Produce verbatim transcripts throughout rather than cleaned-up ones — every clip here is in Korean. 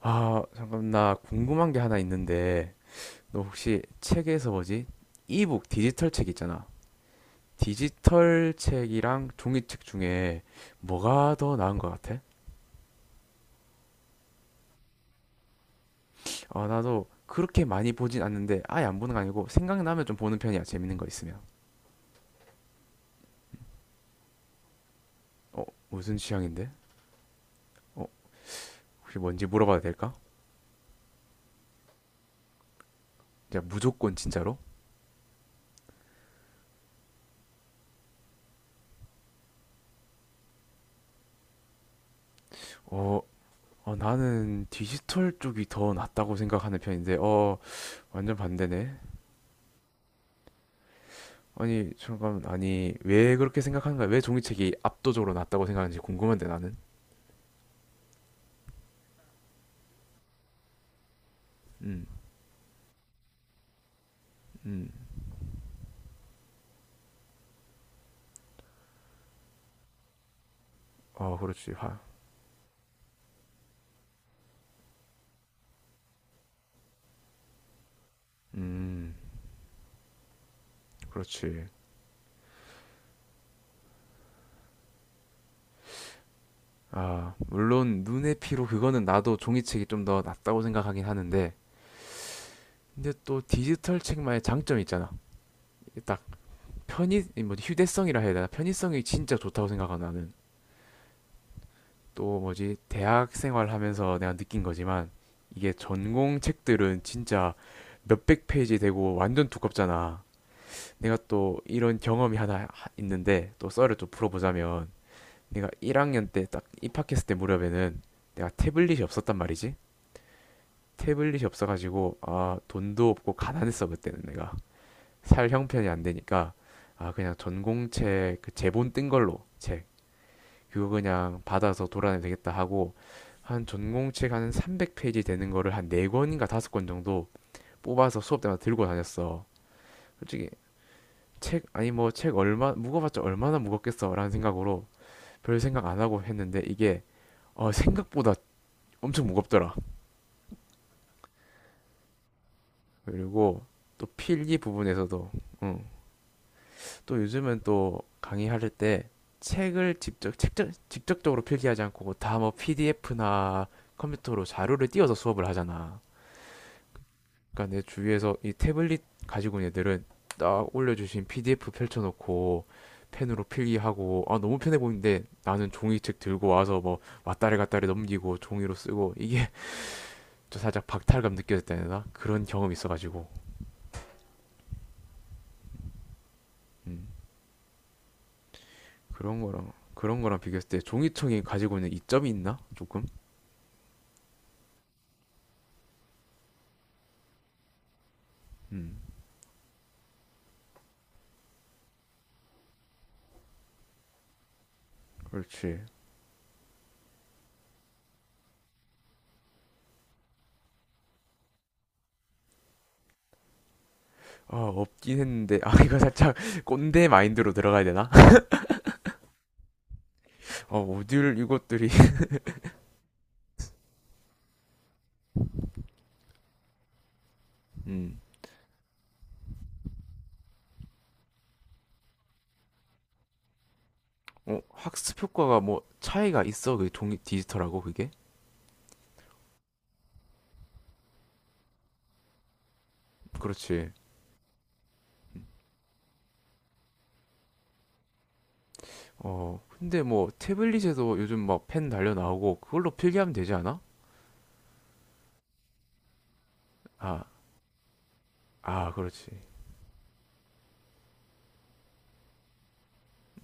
아, 잠깐 나 궁금한 게 하나 있는데 너 혹시 책에서 뭐지? 이북 디지털 책 있잖아. 디지털 책이랑 종이책 중에 뭐가 더 나은 것 같아? 아, 나도 그렇게 많이 보진 않는데 아예 안 보는 거 아니고 생각나면 좀 보는 편이야. 재밌는 거 있으면. 어, 무슨 취향인데? 어, 혹시 뭔지 물어봐도 될까? 야, 무조건 진짜로? 어, 어, 나는 디지털 쪽이 더 낫다고 생각하는 편인데, 어, 완전 반대네. 아니 잠깐 아니 왜 그렇게 생각하는가? 왜 종이책이 압도적으로 낫다고 생각하는지 궁금한데 나는. 음, 음, 어 그렇지 화. 음, 그렇지. 아 물론 눈의 피로 그거는 나도 종이책이 좀 더 낫다고 생각하긴 하는데 근데 또 디지털 책만의 장점이 있잖아. 딱 편의 뭐 휴대성이라 해야 되나? 편의성이 진짜 좋다고 생각하 나는. 또 뭐지 대학 생활하면서 내가 느낀 거지만 이게 전공 책들은 진짜 몇백 페이지 되고 완전 두껍잖아. 내가 또 이런 경험이 하나 하- 있는데 또 썰을 좀 풀어보자면 내가 일 학년 때 딱 입학했을 때 무렵에는 내가 태블릿이 없었단 말이지. 태블릿이 없어가지고 아 돈도 없고 가난했어 그때는 내가 살 형편이 안 되니까 아 그냥 전공책 그 제본 뜬 걸로 책 그거 그냥 받아서 돌아내면 되겠다 하고 한 전공책 한 삼백 페이지 되는 거를 한 네권인가 다섯 권 정도 뽑아서 수업 때마다 들고 다녔어. 솔직히 책 아니 뭐 책 얼마 무거봤자 얼마나 무겁겠어라는 생각으로 별 생각 안 하고 했는데 이게 어, 생각보다 엄청 무겁더라. 그리고 또 필기 부분에서도. 응. 또 요즘은 또 강의할 때 책을 직접 책적, 직접적으로 필기하지 않고 다 뭐 피디에프나 컴퓨터로 자료를 띄워서 수업을 하잖아. 그러니까 내 주위에서 이 태블릿 가지고 있는 애들은 딱 올려주신 피디에프 펼쳐놓고 펜으로 필기하고 아 너무 편해 보이는데 나는 종이책 들고 와서 뭐 왔다리 갔다리 넘기고 종이로 쓰고 이게 저 살짝 박탈감 느껴졌다 해야 되나 그런 경험이 있어가지고. 음, 그런 거랑 그런 거랑 비교했을 때 종이청이 가지고 있는 이점이 있나 조금. 음 그렇지. 아 없긴 했는데 아 이거 살짝 꼰대 마인드로 들어가야 되나. 어 어딜 이것들이. 음. 어, 학습 효과가 뭐 차이가 있어? 그 종이 디지털하고 그게? 그렇지. 어, 근데 뭐 태블릿에도 요즘 막 펜 달려 나오고 그걸로 필기하면 되지 않아? 아, 아, 그렇지.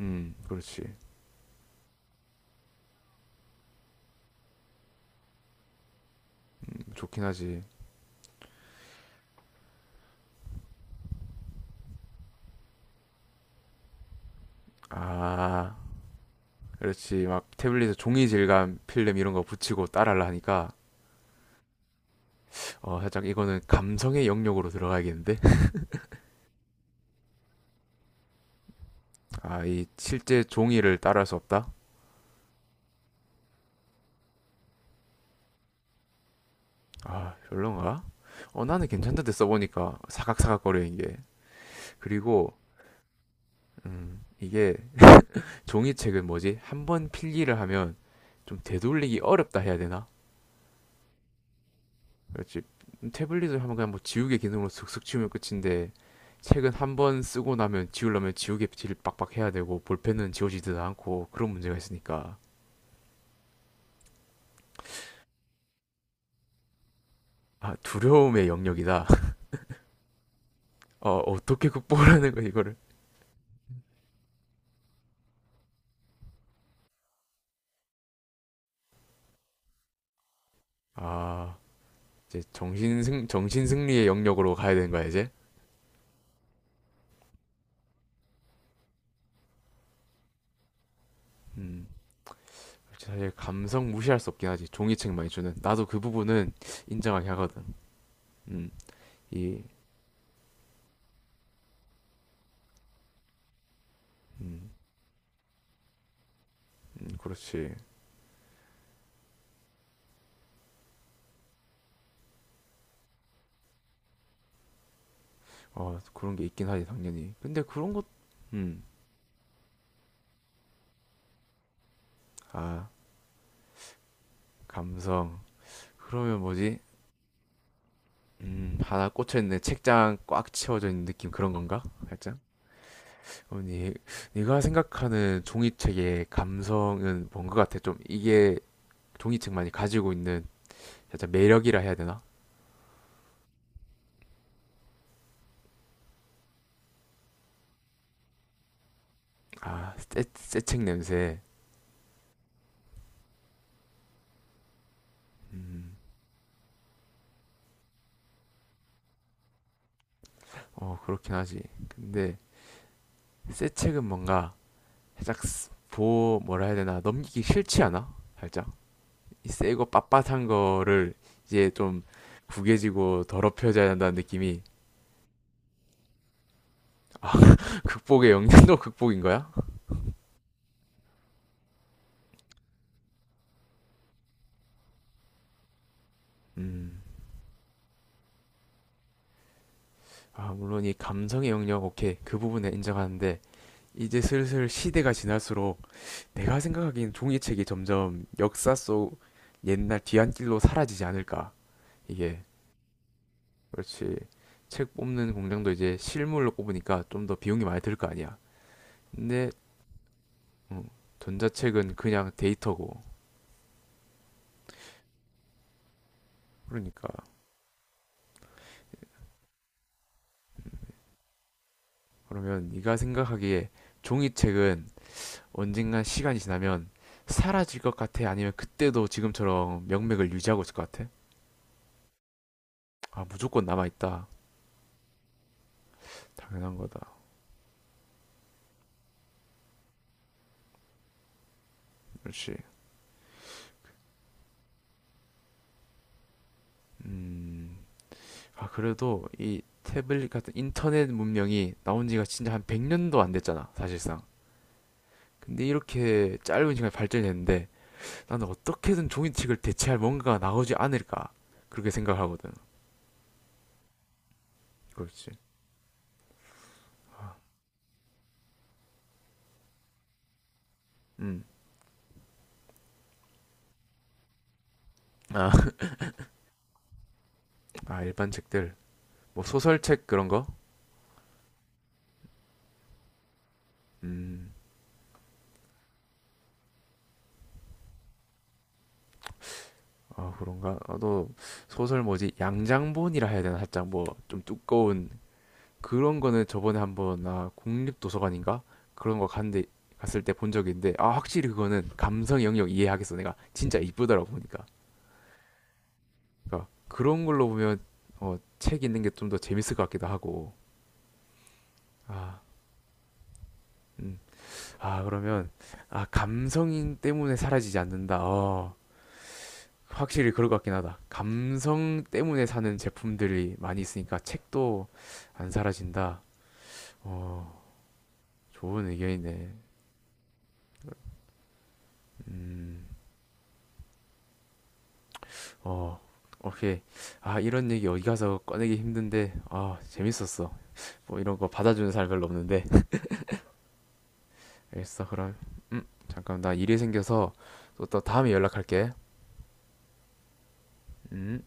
음, 그렇지. 음, 좋긴 하지. 아, 그렇지. 막 태블릿에 종이 질감 필름 이런 거 붙이고 따라하려 하니까 어, 살짝 이거는 감성의 영역으로 들어가야겠는데? 아, 이 실제 종이를 따라할 수 없다? 아, 별론가? 어, 나는 괜찮던데 써보니까 사각사각거리는 게. 그리고 음, 이게. 종이책은 뭐지? 한번 필기를 하면 좀 되돌리기 어렵다 해야 되나? 그렇지. 태블릿을 하면 그냥 뭐 지우개 기능으로 슥슥 지우면 끝인데 책은 한번 쓰고 나면 지우려면 지우개 질 빡빡 해야 되고 볼펜은 지워지지도 않고 그런 문제가 있으니까. 아, 두려움의 영역이다. 어, 어떻게 극복하는 거야 이거를? 아, 이제 정신승 정신승리의 영역으로 가야 되는 거야 이제? 음, 사실 감성 무시할 수 없긴 하지. 종이책 많이 주는 나도 그 부분은 인정하긴 하거든. 음, 이, 음, 음, 그렇지. 어, 그런 게 있긴 하지, 당연히. 근데 그런 것, 음, 아, 감성. 그러면 뭐지? 음, 하나 꽂혀있는 책장 꽉 채워져 있는 느낌 그런 건가? 살짝? 어, 니, 네가 생각하는 종이책의 감성은 뭔 것 같아? 좀 이게 종이책만이 가지고 있는 살짝 매력이라 해야 되나? 아, 새, 새책 냄새. 음, 어, 그렇긴 하지. 근데 새 책은 뭔가 살짝 보 뭐라 해야 되나 넘기기 싫지 않아? 살짝 이 새거 빳빳한 거를 이제 좀 구겨지고 더럽혀져야 한다는 느낌이. 아. 극복의 영역도 극복인 거야? 음. 아 물론 이 감성의 영역 오케이 그 부분에 인정하는데 이제 슬슬 시대가 지날수록 내가 생각하기엔 종이책이 점점 역사 속 옛날 뒤안길로 사라지지 않을까 이게. 그렇지. 책 뽑는 공장도 이제 실물로 뽑으니까 좀 더 비용이 많이 들 거 아니야. 근데 어, 전자책은 그냥 데이터고. 그러니까. 그러면 네가 생각하기에 종이책은 언젠간 시간이 지나면 사라질 것 같아? 아니면 그때도 지금처럼 명맥을 유지하고 있을 것 같아? 아, 무조건 남아있다. 당연한 거다. 역시. 음. 아, 그래도 이 태블릿 같은 인터넷 문명이 나온 지가 진짜 한 백 년도 안 됐잖아, 사실상. 근데 이렇게 짧은 시간에 발전이 됐는데 나는 어떻게든 종이책을 대체할 뭔가가 나오지 않을까. 그렇게 생각하거든. 그렇지. 음. 아. 아, 일반 책들. 뭐 소설책 그런 거? 음. 아, 그런가? 아, 너 소설 뭐지? 양장본이라 해야 되나? 살짝 뭐 좀 두꺼운 그런 거는 저번에 한번 아, 국립도서관인가? 그런 거 갔는데 갔을 때 본 적이 있는데 아, 확실히 그거는 감성 영역 이해하겠어. 내가 진짜 이쁘더라고 보니까. 그러니까 그런 걸로 보면 어, 책 읽는 게 좀 더 재밌을 것 같기도 하고. 아. 음. 아, 그러면 아, 감성 때문에 사라지지 않는다. 어. 확실히 그럴 것 같긴 하다. 감성 때문에 사는 제품들이 많이 있으니까 책도 안 사라진다. 어, 좋은 의견이네. 음, 어, 오케이. 아, 이런 얘기 어디 가서 꺼내기 힘든데, 아, 재밌었어. 뭐 이런 거 받아주는 사람 별로 없는데. 알겠어. 그럼 잠깐 나 일이 생겨서 또, 또 다음에 연락할게. 음.